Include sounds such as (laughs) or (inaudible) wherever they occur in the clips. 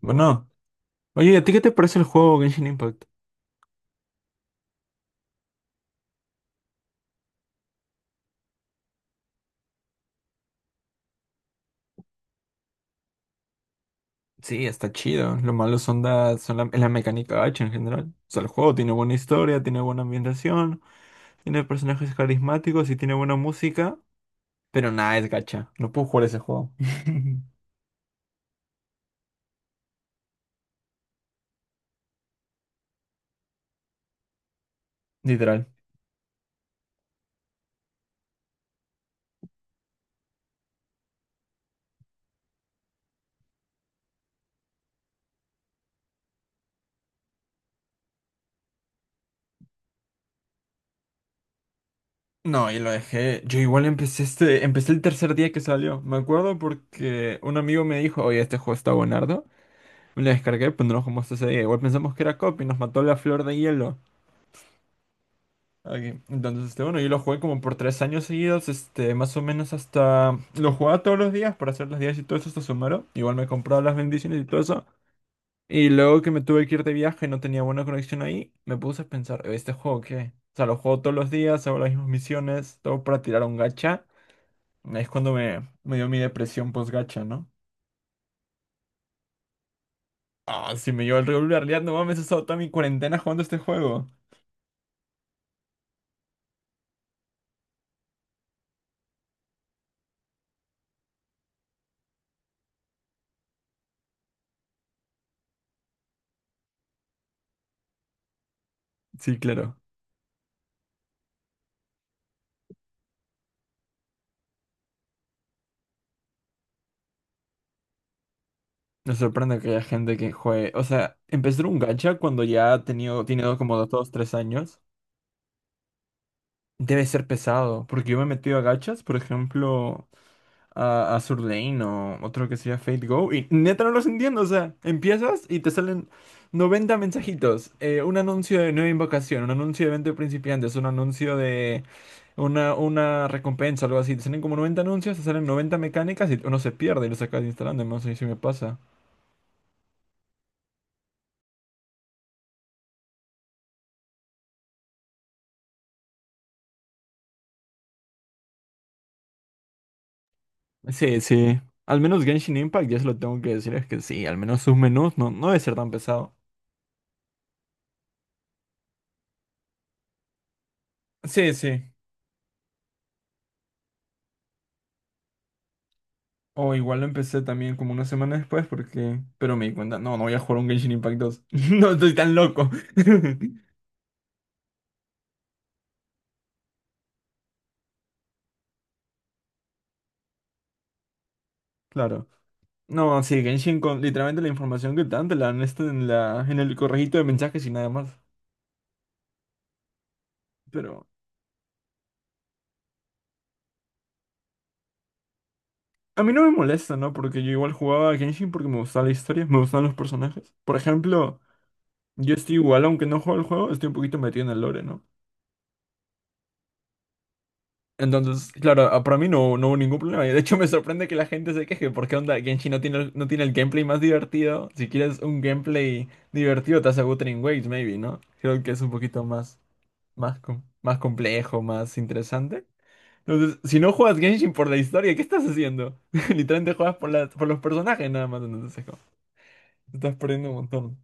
Bueno, oye, ¿a ti qué te parece el juego Genshin Impact? Sí, está chido. Lo malo son, es la mecánica gacha en general. O sea, el juego tiene buena historia, tiene buena ambientación, tiene personajes carismáticos y tiene buena música. Pero nada, es gacha. No puedo jugar ese juego. (laughs) Literal. No, y lo dejé. Yo igual empecé este, empecé el tercer día que salió. Me acuerdo porque un amigo me dijo, oye, este juego está buenardo. Me lo descargué, pero no lo jugamos ese día. Igual pensamos que era copy, nos mató la flor de hielo. Ok, entonces, este, bueno, yo lo jugué como por 3 años seguidos, este, más o menos hasta... Lo jugaba todos los días para hacer las 10 y todo eso hasta Sumero. Igual me compraba las bendiciones y todo eso. Y luego que me tuve que ir de viaje, no tenía buena conexión ahí, me puse a pensar, ¿este juego qué? O sea, lo juego todos los días, hago las mismas misiones, todo para tirar un gacha. Ahí es cuando me dio mi depresión post-gacha, ¿no? Ah, si me llevo el regular, ya no mames, he estado toda mi cuarentena jugando este juego. Sí, claro. Me sorprende que haya gente que juegue. O sea, empezar un gacha cuando ya ha tenido, tiene como 2, 3 años, debe ser pesado. Porque yo me he metido a gachas, por ejemplo, a Sur Lane o otro que sea Fate Go. Y neta no los entiendo. O sea, empiezas y te salen 90 mensajitos. Un anuncio de nueva invocación, un anuncio de evento de principiantes, un anuncio de una recompensa, algo así. Te salen como 90 anuncios, te salen 90 mecánicas y uno se pierde y lo sacas instalando. No sé si me pasa. Sí, sí. Al menos Genshin Impact, ya se lo tengo que decir, es que sí, al menos sus menús no, no debe ser tan pesado. Sí, sí. O igual lo empecé también como una semana después porque... Pero me di cuenta, no, no voy a jugar un Genshin Impact 2. (laughs) No estoy tan loco. (laughs) Claro. No, sí, Genshin con literalmente la información que te dan te la dan esta en la, en el correjito de mensajes y nada más. Pero a mí no me molesta, ¿no? Porque yo igual jugaba a Genshin porque me gustaba la historia, me gustaban los personajes. Por ejemplo, yo estoy igual, aunque no juego el juego, estoy un poquito metido en el lore, ¿no? Entonces, claro, para mí no, no hubo ningún problema. Y de hecho (laughs) me sorprende que la gente se queje, porque onda, Genshin no tiene, no tiene el gameplay más divertido. Si quieres un gameplay divertido, te hace Wuthering Waves, maybe, ¿no? Creo que es un poquito más, más, más complejo, más interesante. Entonces, si no juegas Genshin por la historia, ¿qué estás haciendo? (laughs) Literalmente juegas por, por los personajes nada más, entonces es como, te estás perdiendo un montón.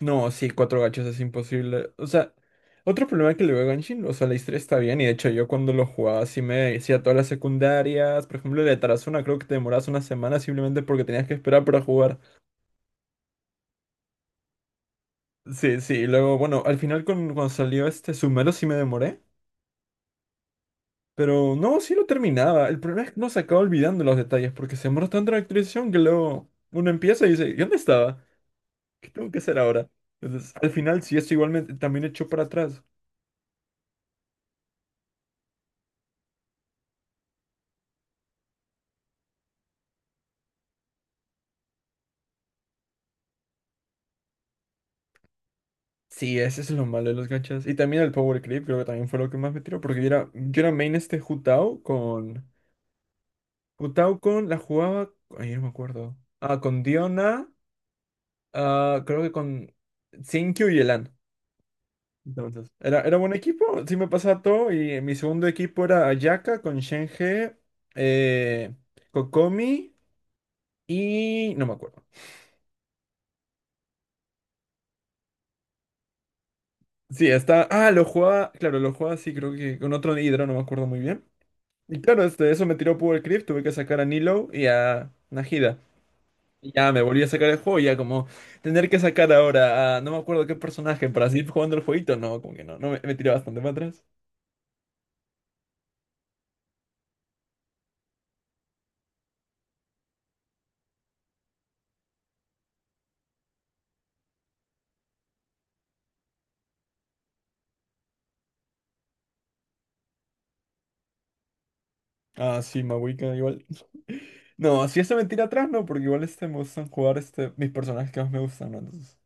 No, sí, cuatro gachos es imposible. O sea, otro problema que le veo a Genshin, o sea, la historia está bien, y de hecho yo cuando lo jugaba sí me decía todas las secundarias, por ejemplo, el de Tarazona creo que te demorabas una semana simplemente porque tenías que esperar para jugar. Sí, sí, y luego, bueno, al final cuando salió este Sumero sí me demoré, pero no, sí lo terminaba. El problema es que uno se acaba olvidando los detalles porque se demora tanto en la actualización que luego uno empieza y dice, ¿y dónde estaba? ¿Qué tengo que hacer ahora? Entonces, al final sí, esto igualmente también echó para atrás. Sí, ese es lo malo de los gachas. Y también el Power Creep, creo que también fue lo que más me tiró, porque yo era main este Jutao con... La jugaba... Ay, no me acuerdo. Ah, con Diona, ah, creo que con Sinkyu y Elan. Entonces, era buen equipo, sí me pasaba todo, y mi segundo equipo era Ayaka con Shenhe, eh, Kokomi y... no me acuerdo. Sí, está... Ah, lo jugaba, claro, lo jugaba sí, creo que con otro hidro, no me acuerdo muy bien. Y claro, este, eso me tiró Powercrypt, tuve que sacar a Nilo y a Najida. Y ya me volví a sacar el juego, ya como tener que sacar ahora a no me acuerdo qué personaje para seguir jugando el jueguito, no, como que no, no me tiró bastante para atrás. Ah, sí, Mahuika igual. No, si eso me tira atrás, no, porque igual este me gustan jugar este, mis personajes que más me gustan, ¿no? Entonces,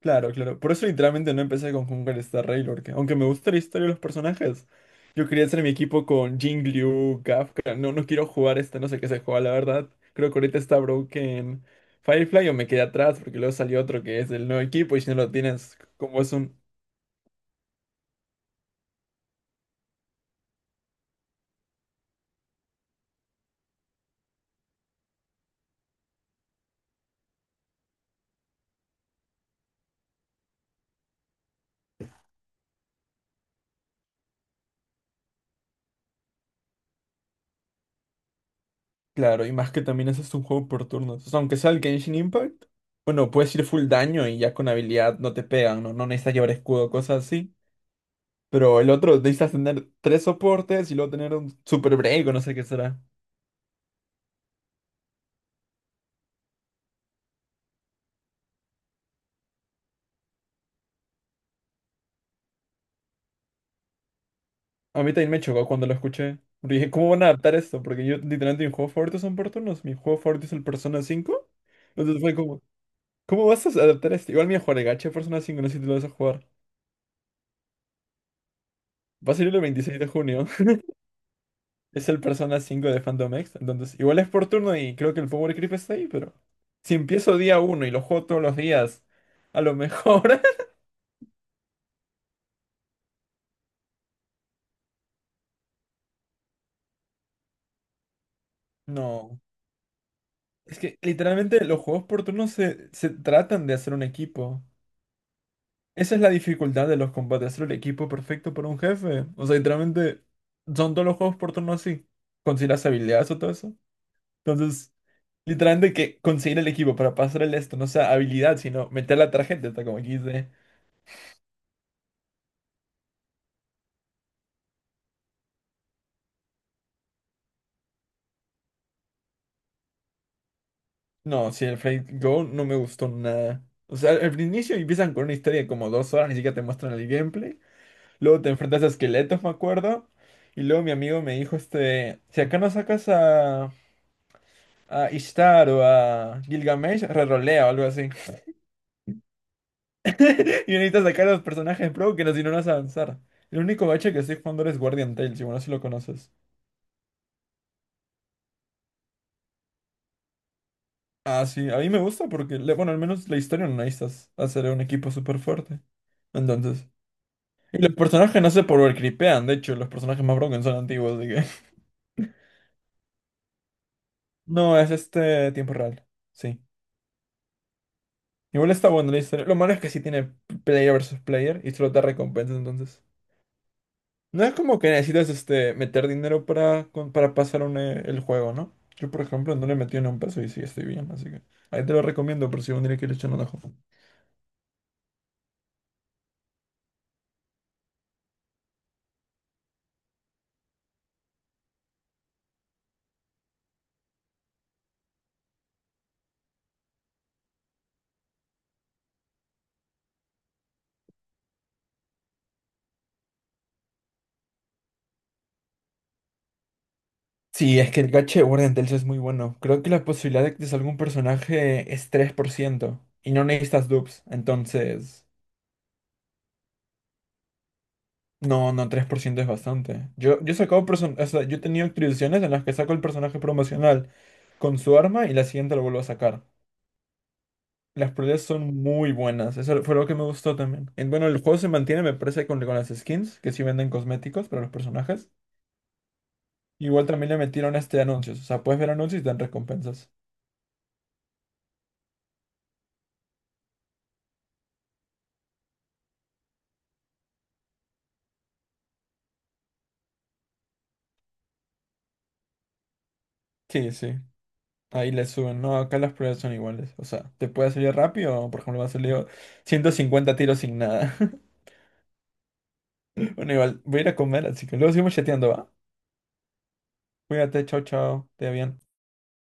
claro, claro. Por eso literalmente no empecé con Hungar Star Rail, porque aunque me gusta la historia de los personajes, yo quería hacer mi equipo con Jing Liu, Kafka. No, no quiero jugar este, no sé qué se juega, la verdad. Creo que ahorita está Broken Firefly o me quedé atrás porque luego salió otro que es el nuevo equipo y si no lo tienes, como es un... Claro, y más que también ese es un juego por turnos. O sea, aunque sea el Genshin Impact, bueno, puedes ir full daño y ya con habilidad no te pegan, no, no necesitas llevar escudo, cosas así. Pero el otro necesitas tener tres soportes y luego tener un super break o no sé qué será. A mí también me chocó cuando lo escuché. Porque dije, ¿cómo van a adaptar esto? Porque yo literalmente mis juegos favoritos son por turnos. Mi juego favorito es el Persona 5. Entonces fue como, ¿cómo vas a adaptar esto? Igual mi juego de gacha de Persona 5, no sé si tú lo vas a jugar. Va a salir el 26 de junio. (laughs) Es el Persona 5 de Phantom X. Entonces, igual es por turno y creo que el Power Creep está ahí, pero si empiezo día uno y lo juego todos los días, a lo mejor. (laughs) No. Es que literalmente los juegos por turno se tratan de hacer un equipo. Esa es la dificultad de los combates, hacer el equipo perfecto para un jefe. O sea, literalmente son todos los juegos por turno así. Conseguir las habilidades o todo eso. Entonces, literalmente que conseguir el equipo para pasar el esto, no sea habilidad, sino meter la tarjeta, está como aquí dice. No, si el Fate Go no me gustó nada. O sea, al inicio empiezan con una historia de como 2 horas, ni siquiera te muestran el gameplay. Luego te enfrentas a esqueletos, me acuerdo. Y luego mi amigo me dijo, este, si acá no sacas a Ishtar o a Gilgamesh, rerolea o algo así. (laughs) Y necesitas sacar a los personajes pro que no, si no, no vas a avanzar. El único bache que estoy jugando ahora es Guardian Tales, y bueno, si lo conoces. Ah, sí, a mí me gusta porque, bueno, al menos la historia no necesitas hacer un equipo súper fuerte. Entonces. Y los personajes no se creepean, de hecho, los personajes más broken son antiguos, así que. (laughs) No, es este tiempo real. Sí. Igual está bueno la historia. Lo malo es que sí tiene player versus player y solo te recompensa entonces. No es como que necesitas este, meter dinero para, para pasar un, el juego, ¿no? Yo, por ejemplo, no le metí ni un peso y sí estoy bien, así que ahí te lo recomiendo por si un día quieres echar un ojo. Sí, es que el gacha de Warden Tales es muy bueno. Creo que la posibilidad de que te salga un personaje es 3% y no necesitas dupes, entonces... No, no, 3% es bastante. Yo he sacado o sea, yo he tenido actualizaciones en las que saco el personaje promocional con su arma y la siguiente lo vuelvo a sacar. Las peleas son muy buenas. Eso fue lo que me gustó también. Bueno, el juego se mantiene, me parece, con las skins, que sí venden cosméticos para los personajes. Igual también le metieron este anuncios. O sea, puedes ver anuncios y te dan recompensas. Sí, sí. Ahí le suben. No, acá las peleas son iguales. O sea, te puede salir rápido, o, por ejemplo, me ha salido 150 tiros sin nada. (laughs) Bueno, igual, voy a ir a comer, así que luego seguimos chateando, ¿va? Cuídate, chao, chao. Te va bien.